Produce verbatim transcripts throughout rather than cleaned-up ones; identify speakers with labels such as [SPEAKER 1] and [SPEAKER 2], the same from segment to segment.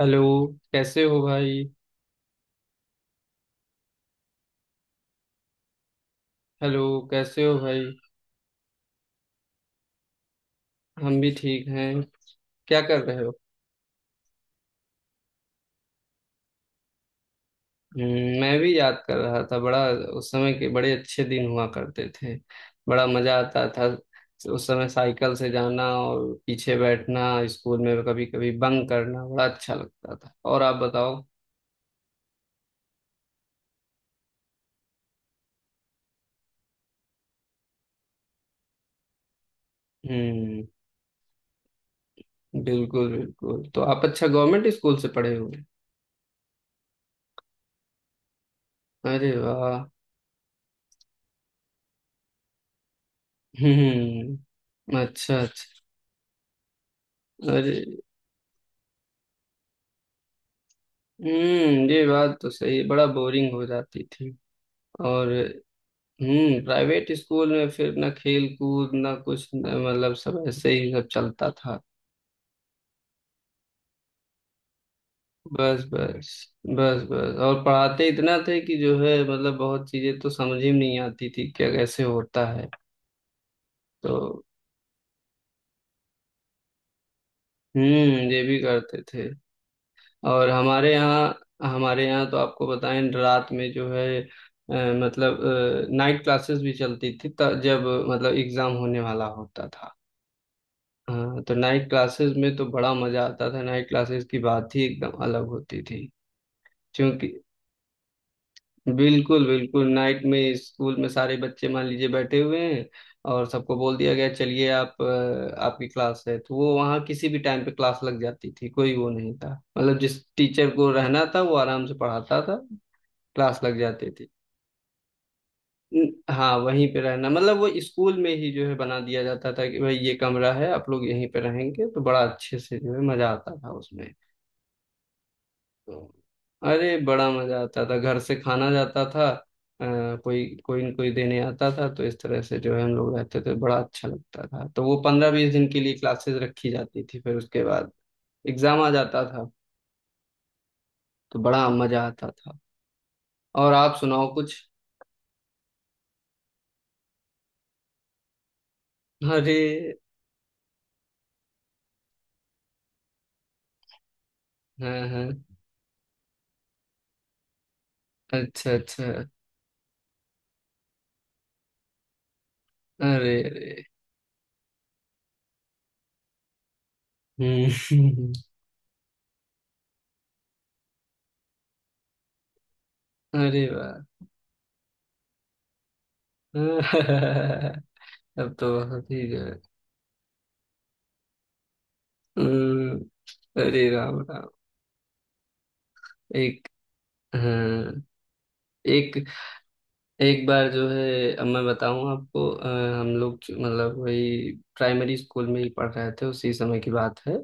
[SPEAKER 1] Hello. कैसे हो भाई? हेलो। कैसे हो भाई? हम भी ठीक हैं। क्या कर रहे हो? हम्म, मैं भी याद कर रहा था बड़ा। उस समय के बड़े अच्छे दिन हुआ करते थे। बड़ा मजा आता था। उस समय साइकिल से जाना और पीछे बैठना। स्कूल में कभी कभी बंक करना बड़ा अच्छा लगता था। और आप बताओ? हम्म। बिल्कुल बिल्कुल। तो आप अच्छा गवर्नमेंट स्कूल से पढ़े हुए हैं? अरे वाह। हम्म। अच्छा अच्छा। अरे। हम्म ये बात तो सही है, बड़ा बोरिंग हो जाती थी। और। हम्म प्राइवेट स्कूल में फिर ना खेल कूद ना कुछ ना मतलब सब ऐसे ही सब चलता था। बस बस। बस बस, और पढ़ाते इतना थे कि जो है मतलब बहुत चीजें तो समझ ही नहीं आती थी क्या कैसे होता है। तो। हम्म ये भी करते थे। और हमारे यहाँ हमारे यहाँ तो आपको बताएं, रात में जो है अ, मतलब नाइट क्लासेस भी चलती थी, त- जब मतलब एग्जाम होने वाला होता था। हाँ, तो नाइट क्लासेस में तो बड़ा मजा आता था। नाइट क्लासेस की बात ही एकदम अलग होती थी। क्योंकि। बिल्कुल बिल्कुल। नाइट में स्कूल में सारे बच्चे मान लीजिए बैठे हुए हैं, और सबको बोल दिया गया चलिए आप, अ, आपकी क्लास है, तो वो वहाँ किसी भी टाइम पे क्लास लग जाती थी, कोई वो नहीं था। मतलब जिस टीचर को रहना था वो आराम से पढ़ाता था, क्लास लग जाती थी। न- हाँ, वहीं पे रहना, मतलब वो स्कूल में ही जो है बना दिया जाता था कि भाई ये कमरा है, आप लोग यहीं पे रहेंगे, तो बड़ा अच्छे से जो है मजा आता था उसमें। तो। अरे, बड़ा मजा आता था। घर से खाना जाता था। अ, कोई कोई न कोई देने आता था, तो इस तरह से जो है हम लोग रहते थे, बड़ा अच्छा लगता था। तो वो पंद्रह बीस दिन के लिए क्लासेस रखी जाती थी, फिर उसके बाद एग्जाम आ जाता था। तो बड़ा मजा आता था। और आप सुनाओ कुछ? अरे। हाँ हाँ। अच्छा अच्छा। अरे अरे। हम्म। अरे वाह। अब तो बहुत ही जो है। हम्म। अरे राम राम। एक हाँ, एक एक बार जो है, अब मैं बताऊं आपको। अ, हम लोग जो- मतलब वही प्राइमरी स्कूल में ही पढ़ रहे थे, उसी समय की बात है।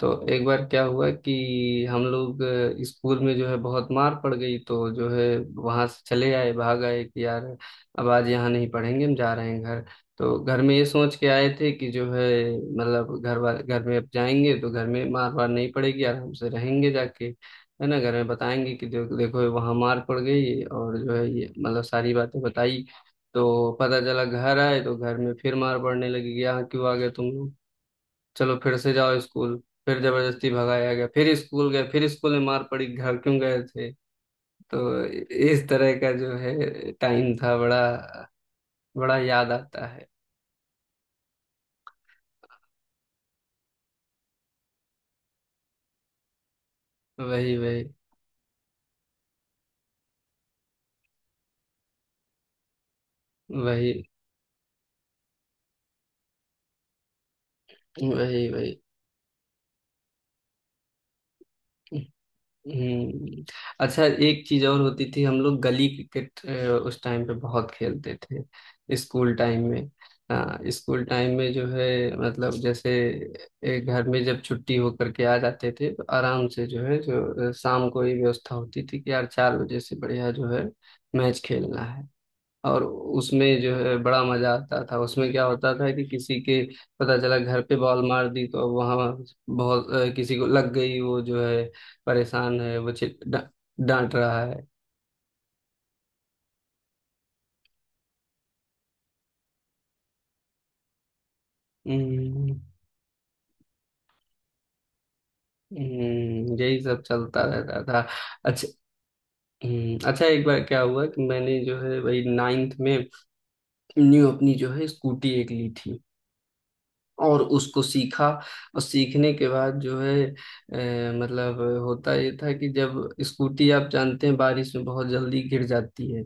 [SPEAKER 1] तो एक बार क्या हुआ कि हम लोग अ, स्कूल में जो है बहुत मार पड़ गई, तो जो है वहां से चले आए, भाग आए कि यार अब आज यहाँ नहीं पढ़ेंगे, हम जा रहे हैं घर। तो घर में ये सोच के आए थे कि जो है मतलब घर वाले, घर में अब जाएंगे तो घर में मार वार नहीं पड़ेगी, आराम से रहेंगे जाके। है ना, घर में बताएंगे कि देखो देखो वहां मार पड़ गई, और जो है ये मतलब सारी बातें बताई। तो पता चला घर आए तो घर में फिर मार पड़ने लगी कि यहाँ क्यों आ गए तुम लोग, चलो फिर से जाओ स्कूल। फिर जबरदस्ती भगाया गया, फिर स्कूल गए, फिर स्कूल में मार पड़ी घर क्यों गए थे। तो इस तरह का जो है टाइम था, बड़ा बड़ा याद आता है। वही वही वही वही वही। हम्म। अच्छा, एक चीज और होती थी, हम लोग गली क्रिकेट अ, उस टाइम पे बहुत खेलते थे, स्कूल टाइम में। हाँ, स्कूल टाइम में जो है मतलब जैसे एक घर में जब छुट्टी होकर के आ जाते थे तो आराम से जो है जो अ, शाम को ये व्यवस्था होती थी कि यार चार बजे से बढ़िया जो है मैच खेलना है। और उसमें जो है बड़ा मजा आता था। उसमें क्या होता था कि किसी के पता चला घर पे बॉल मार दी, तो अब वहां बहुत अ, किसी को लग गई, वो जो है परेशान है, वो चिल- डा- डांट रहा है। हम्म। हम्म। यही सब चलता रहता था। अच्छा। हम्म। अच्छा, एक बार क्या हुआ कि मैंने जो है वही नाइन्थ में न्यू अपनी जो है स्कूटी एक ली थी, और उसको सीखा। और सीखने के बाद जो है अ, मतलब होता ये था कि जब स्कूटी, आप जानते हैं, बारिश में बहुत जल्दी गिर जाती है,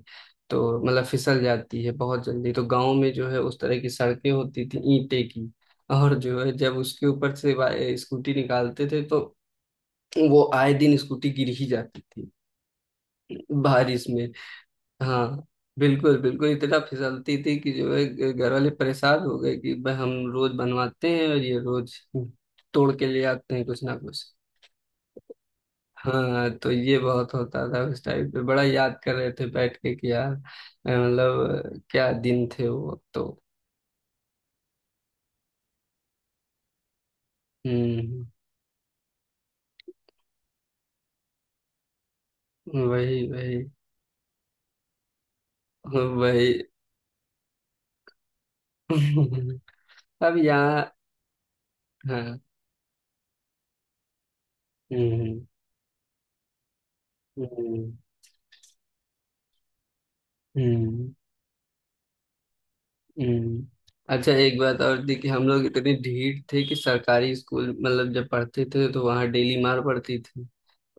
[SPEAKER 1] तो मतलब फिसल जाती है बहुत जल्दी। तो गांव में जो है उस तरह की सड़कें होती थी ईंटे की, और जो है जब उसके ऊपर से बा- स्कूटी निकालते थे तो वो आए दिन स्कूटी गिर ही जाती थी बारिश में। हाँ। बिल्कुल बिल्कुल, इतना फिसलती थी कि जो है घर वाले परेशान हो गए कि भाई हम रोज बनवाते हैं और ये रोज तोड़ के ले आते हैं कुछ ना कुछ। हाँ, तो ये बहुत होता था उस टाइम पे, बड़ा याद कर रहे थे बैठ के कि यार अ, मतलब अ, क्या दिन थे वो तो। हम्म। वही वही वही। अब यहाँ। हाँ। हम्म हम्म हम्म हम्म। हम्म। अच्छा, एक बात और थी कि हम लोग इतने ढीठ थे कि सरकारी स्कूल, मतलब जब पढ़ते थे तो वहाँ डेली मार पड़ती थी,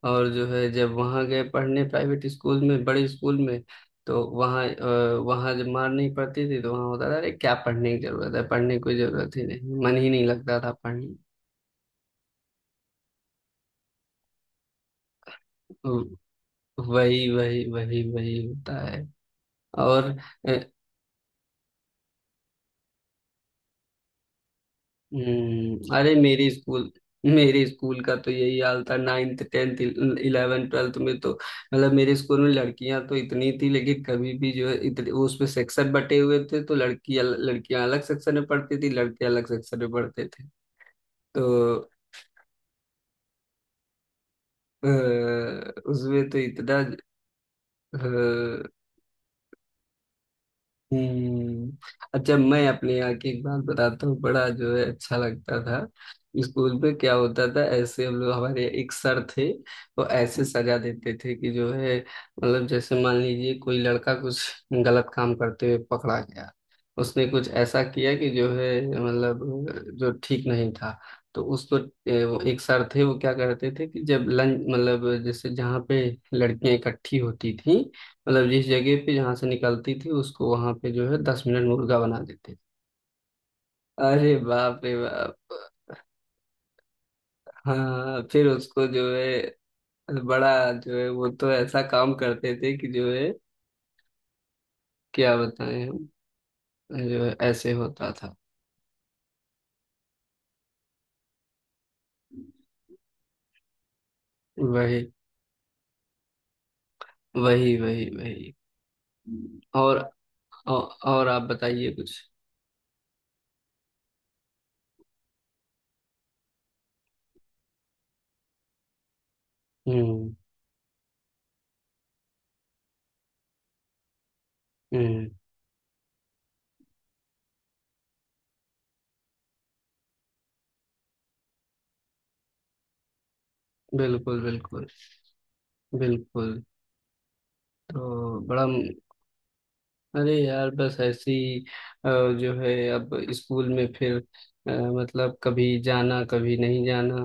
[SPEAKER 1] और जो है जब वहाँ गए पढ़ने प्राइवेट स्कूल में, बड़े स्कूल में, तो वहाँ अ, वहाँ जब मार नहीं पड़ती थी तो वहाँ होता था अरे क्या पढ़ने की जरूरत है, पढ़ने की कोई जरूरत ही नहीं, मन ही नहीं लगता था पढ़ने। वही वही वही वही होता है। और। हम्म। अरे, मेरी स्कूल मेरे स्कूल का तो यही हाल था। नाइन्थ टेंथ इलेवन ट्वेल्थ में तो मतलब मेरे स्कूल में लड़कियां तो इतनी थी, लेकिन कभी भी जो है इतने वो उसमें सेक्शन बटे हुए थे, तो लड़कियां लड़कियां अलग सेक्शन में पढ़ती थी, लड़के अलग सेक्शन में पढ़ते थे। तो अ, उसमें तो इतना। हम्म। अच्छा, मैं अपने यहाँ की एक बात बताता हूँ, बड़ा जो है अच्छा लगता था। स्कूल में क्या होता था, ऐसे हम लोग, हमारे एक सर थे। वो ऐसे सजा देते थे कि जो है मतलब जैसे मान लीजिए कोई लड़का कुछ गलत काम करते हुए पकड़ा गया, उसने कुछ ऐसा किया कि जो है मतलब जो ठीक नहीं था, तो उसको ए, वो एक सर थे वो क्या करते थे कि जब लंच, मतलब जैसे जहाँ पे लड़कियां इकट्ठी होती थी, मतलब जिस जगह पे जहाँ से निकलती थी, उसको वहां पे जो है दस मिनट मुर्गा बना देते थे। अरे बाप रे बाप। हाँ, फिर उसको जो है बड़ा जो है, वो तो ऐसा काम करते थे कि जो है क्या बताएं हम, जो है ऐसे होता था। वही वही वही वही। और। औ- और आप बताइए कुछ? हम्म। हम्म। बिल्कुल बिल्कुल बिल्कुल। तो बड़ा। अरे यार, बस ऐसी जो है, अब स्कूल में फिर अ, मतलब कभी जाना कभी नहीं जाना।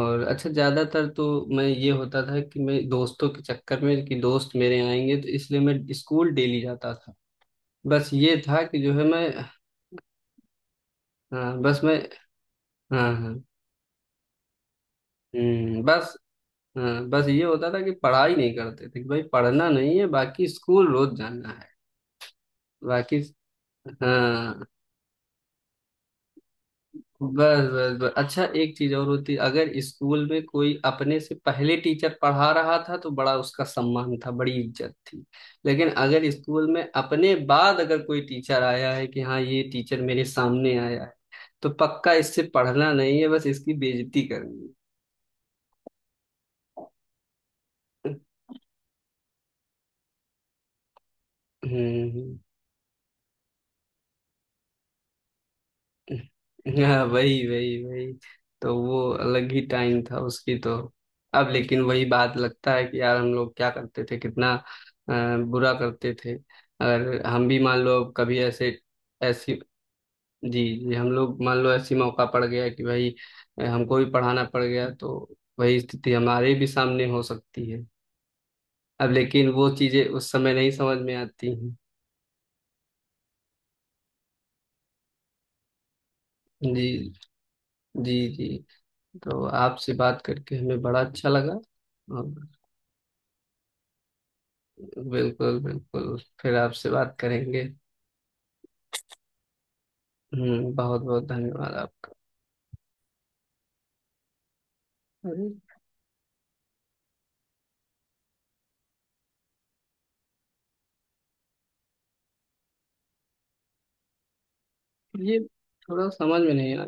[SPEAKER 1] और अच्छा ज्यादातर तो मैं ये होता था कि मैं दोस्तों के चक्कर में, कि दोस्त मेरे आएंगे तो इसलिए मैं स्कूल डेली जाता था। बस ये था कि जो है मैं। हाँ, बस मैं। हाँ हाँ। हम्म, बस। हाँ, बस ये होता था कि पढ़ाई नहीं करते थे कि भाई पढ़ना नहीं है, बाकी स्कूल रोज जाना है। बाकी हाँ। बस बस बस। अच्छा, एक चीज और होती, अगर स्कूल में कोई अपने से पहले टीचर पढ़ा रहा था तो बड़ा उसका सम्मान था, बड़ी इज्जत थी। लेकिन अगर स्कूल में अपने बाद अगर कोई टीचर आया है कि हाँ, ये टीचर मेरे सामने आया है, तो पक्का इससे पढ़ना नहीं है, बस इसकी बेइज्जती करनी है। हम्म। हम्म। हाँ, वही वही वही, तो वो अलग ही टाइम था उसकी तो। अब लेकिन वही बात लगता है कि यार हम लोग क्या करते थे, कितना अ, बुरा करते थे। अगर हम भी मान लो अब कभी ऐसे ऐसी, जी जी, हम लोग मान लो ऐसी मौका पड़ गया कि भाई अ, हमको भी पढ़ाना पड़ गया, तो वही स्थिति हमारे भी सामने हो सकती है। अब लेकिन वो चीजें उस समय नहीं समझ में आती हैं। जी। जी जी। तो आपसे बात करके हमें बड़ा अच्छा लगा। और। बिल्कुल बिल्कुल, फिर आपसे बात करेंगे। हम्म बहुत बहुत धन्यवाद आपका। अरे, ये थोड़ा समझ में नहीं है।